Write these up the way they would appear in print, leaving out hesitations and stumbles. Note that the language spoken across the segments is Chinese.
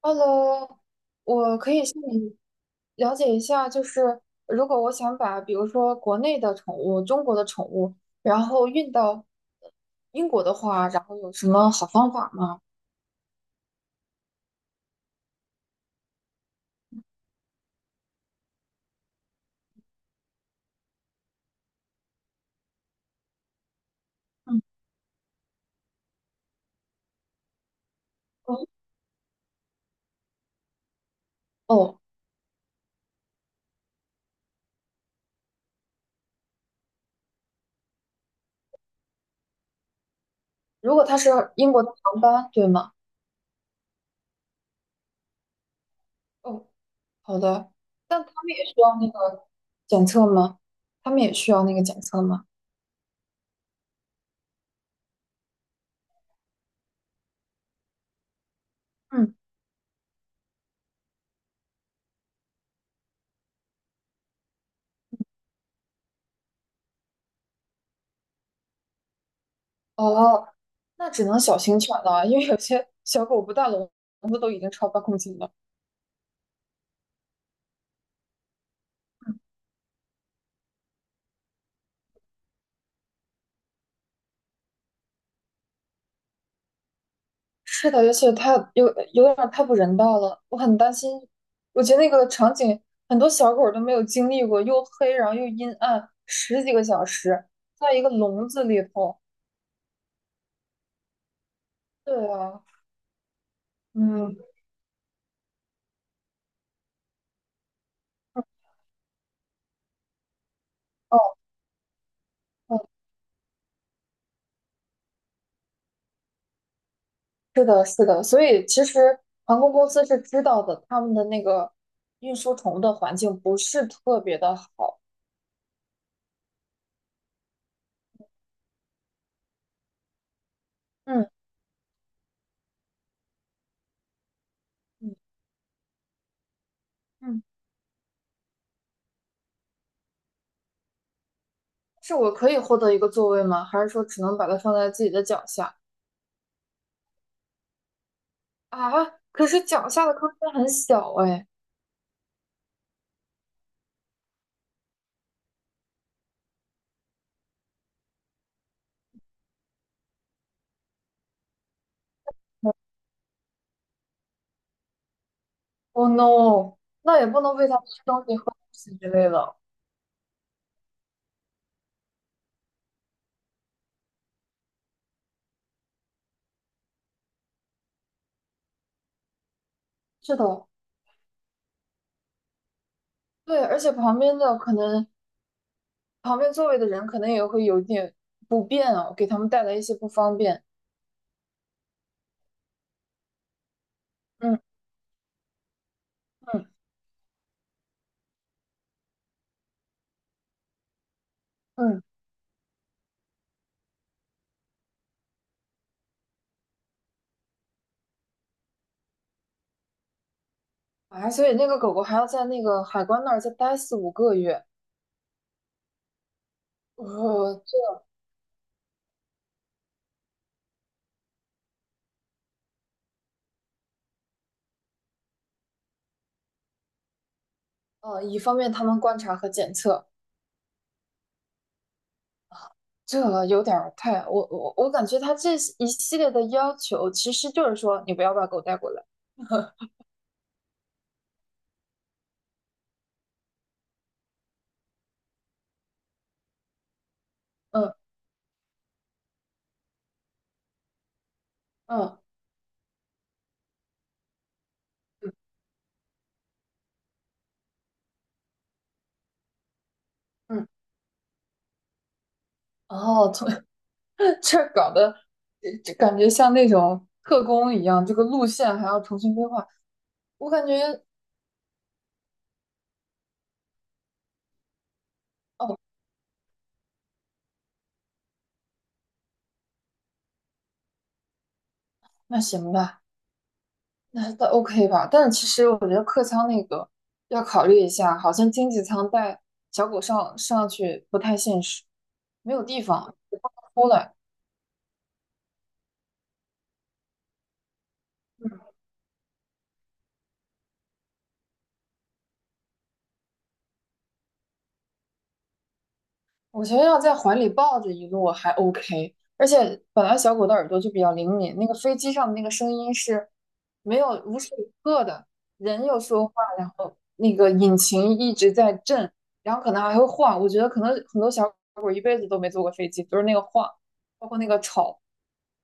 Hello，我可以向你了解一下，就是如果我想把，比如说国内的宠物、中国的宠物，然后运到英国的话，然后有什么好方法吗？嗯，哦，哦如果它是英国的航班，对吗？哦，好的。但他们也需要那个检测吗？他们也需要那个检测吗？嗯，哦，那只能小型犬了，因为有些小狗不大笼子都已经超8公斤了。是的，而且太有点儿太不人道了，我很担心。我觉得那个场景，很多小狗儿都没有经历过，又黑，然后又阴暗，十几个小时在一个笼子里头。对啊，嗯，哦，哦，是的，是的。所以其实航空公司是知道的，他们的那个运输宠物的环境不是特别的好。嗯嗯嗯，是我可以获得一个座位吗？还是说只能把它放在自己的脚下？啊，可是脚下的空间很小哎。Oh no，那也不能喂它吃东西、喝东西之类的。是的，对，而且旁边座位的人可能也会有点不便啊，给他们带来一些不方便。嗯嗯嗯，啊，所以那个狗狗还要在那个海关那儿再待四五个月。呃，这以方便他们观察和检测，这有点儿太，我感觉它这一系列的要求，其实就是说你不要把狗带过来。嗯嗯。嗯，哦，从 这搞得这感觉像那种特工一样，这个路线还要重新规划。我感觉哦，那行吧，那 OK 吧。但是其实我觉得客舱那个要考虑一下，好像经济舱带小狗上去不太现实，没有地方不出来。我觉得要在怀里抱着一路还 OK，而且本来小狗的耳朵就比较灵敏，那个飞机上的那个声音是没有无时无刻的，人有说话，然后那个引擎一直在震，然后可能还会晃。我觉得可能很多小狗一辈子都没坐过飞机，就是那个晃，包括那个吵，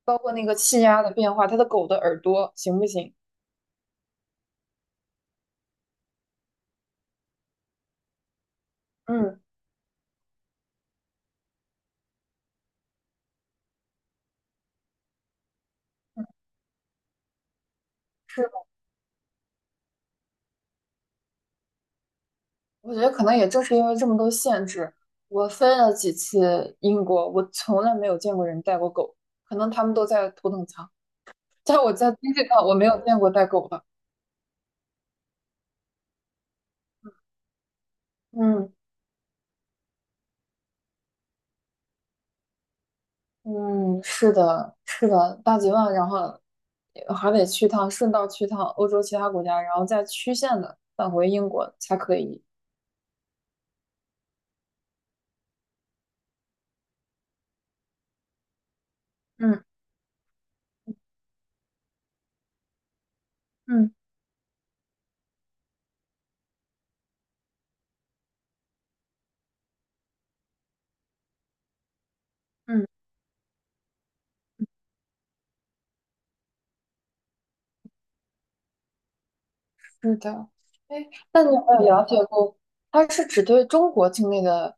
包括那个气压的变化，它的狗的耳朵行不行？嗯，是。我觉得可能也正是因为这么多限制，我飞了几次英国，我从来没有见过人带过狗，可能他们都在头等舱，在我在经济舱我没有见过带狗的。嗯嗯，是的，是的，大几万，然后还得去趟，顺道去趟欧洲其他国家，然后再曲线的返回英国才可以。嗯嗯嗯。是的，哎，那你有没有了解过，它是只对中国境内的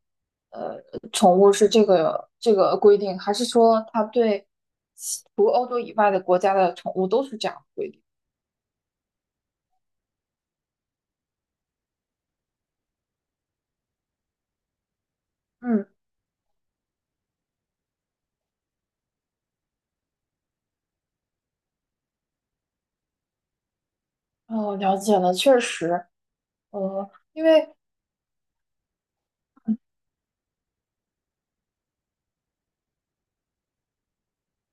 呃宠物是这个规定，还是说它对其除欧洲以外的国家的宠物都是这样的规定？嗯，哦，了解了，确实，因为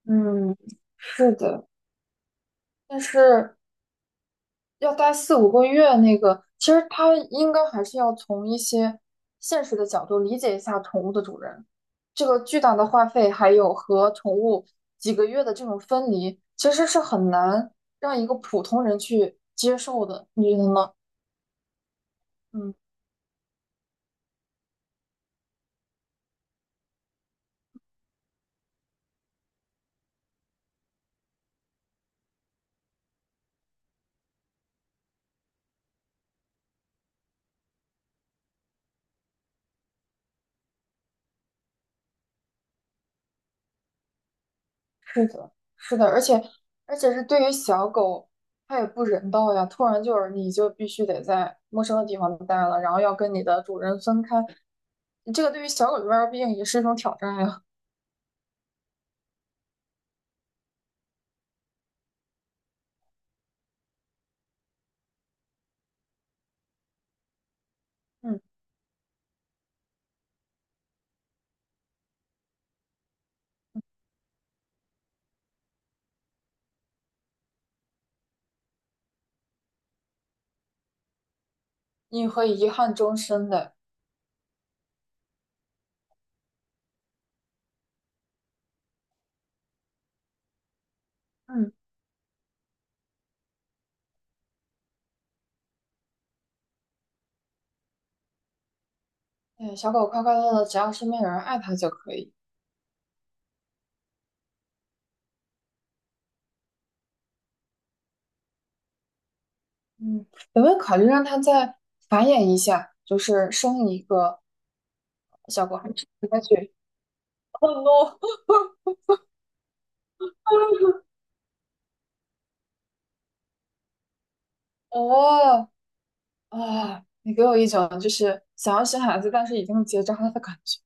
嗯，是的，但是要待四五个月，那个其实他应该还是要从一些现实的角度理解一下宠物的主人，这个巨大的花费，还有和宠物几个月的这种分离，其实是很难让一个普通人去接受的，你觉得呢？嗯，是的，是的，而且是对于小狗，它也不人道呀，突然就是你就必须得在陌生的地方待了，然后要跟你的主人分开，这个对于小狗来说，毕竟也是一种挑战呀。嗯。你会遗憾终生的。嗯，对，小狗快快乐乐，只要身边有人爱它就可以。嗯，有没有考虑让它再繁衍一下，就是生一个小狗，还是应该去？哦，啊，你给我一种就是想要生孩子，但是已经结扎了的感觉。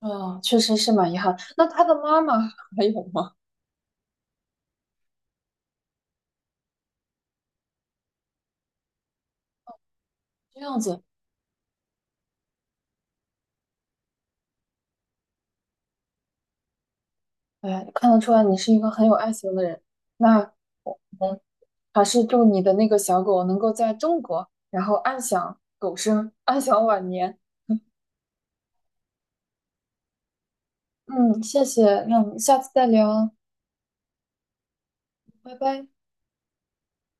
嗯，确实是蛮遗憾。那它的妈妈还有吗？这样子，哎，看得出来你是一个很有爱心的人。那我们还是祝你的那个小狗能够在中国，然后安享狗生，安享晚年。嗯，谢谢，那我们下次再聊，拜拜。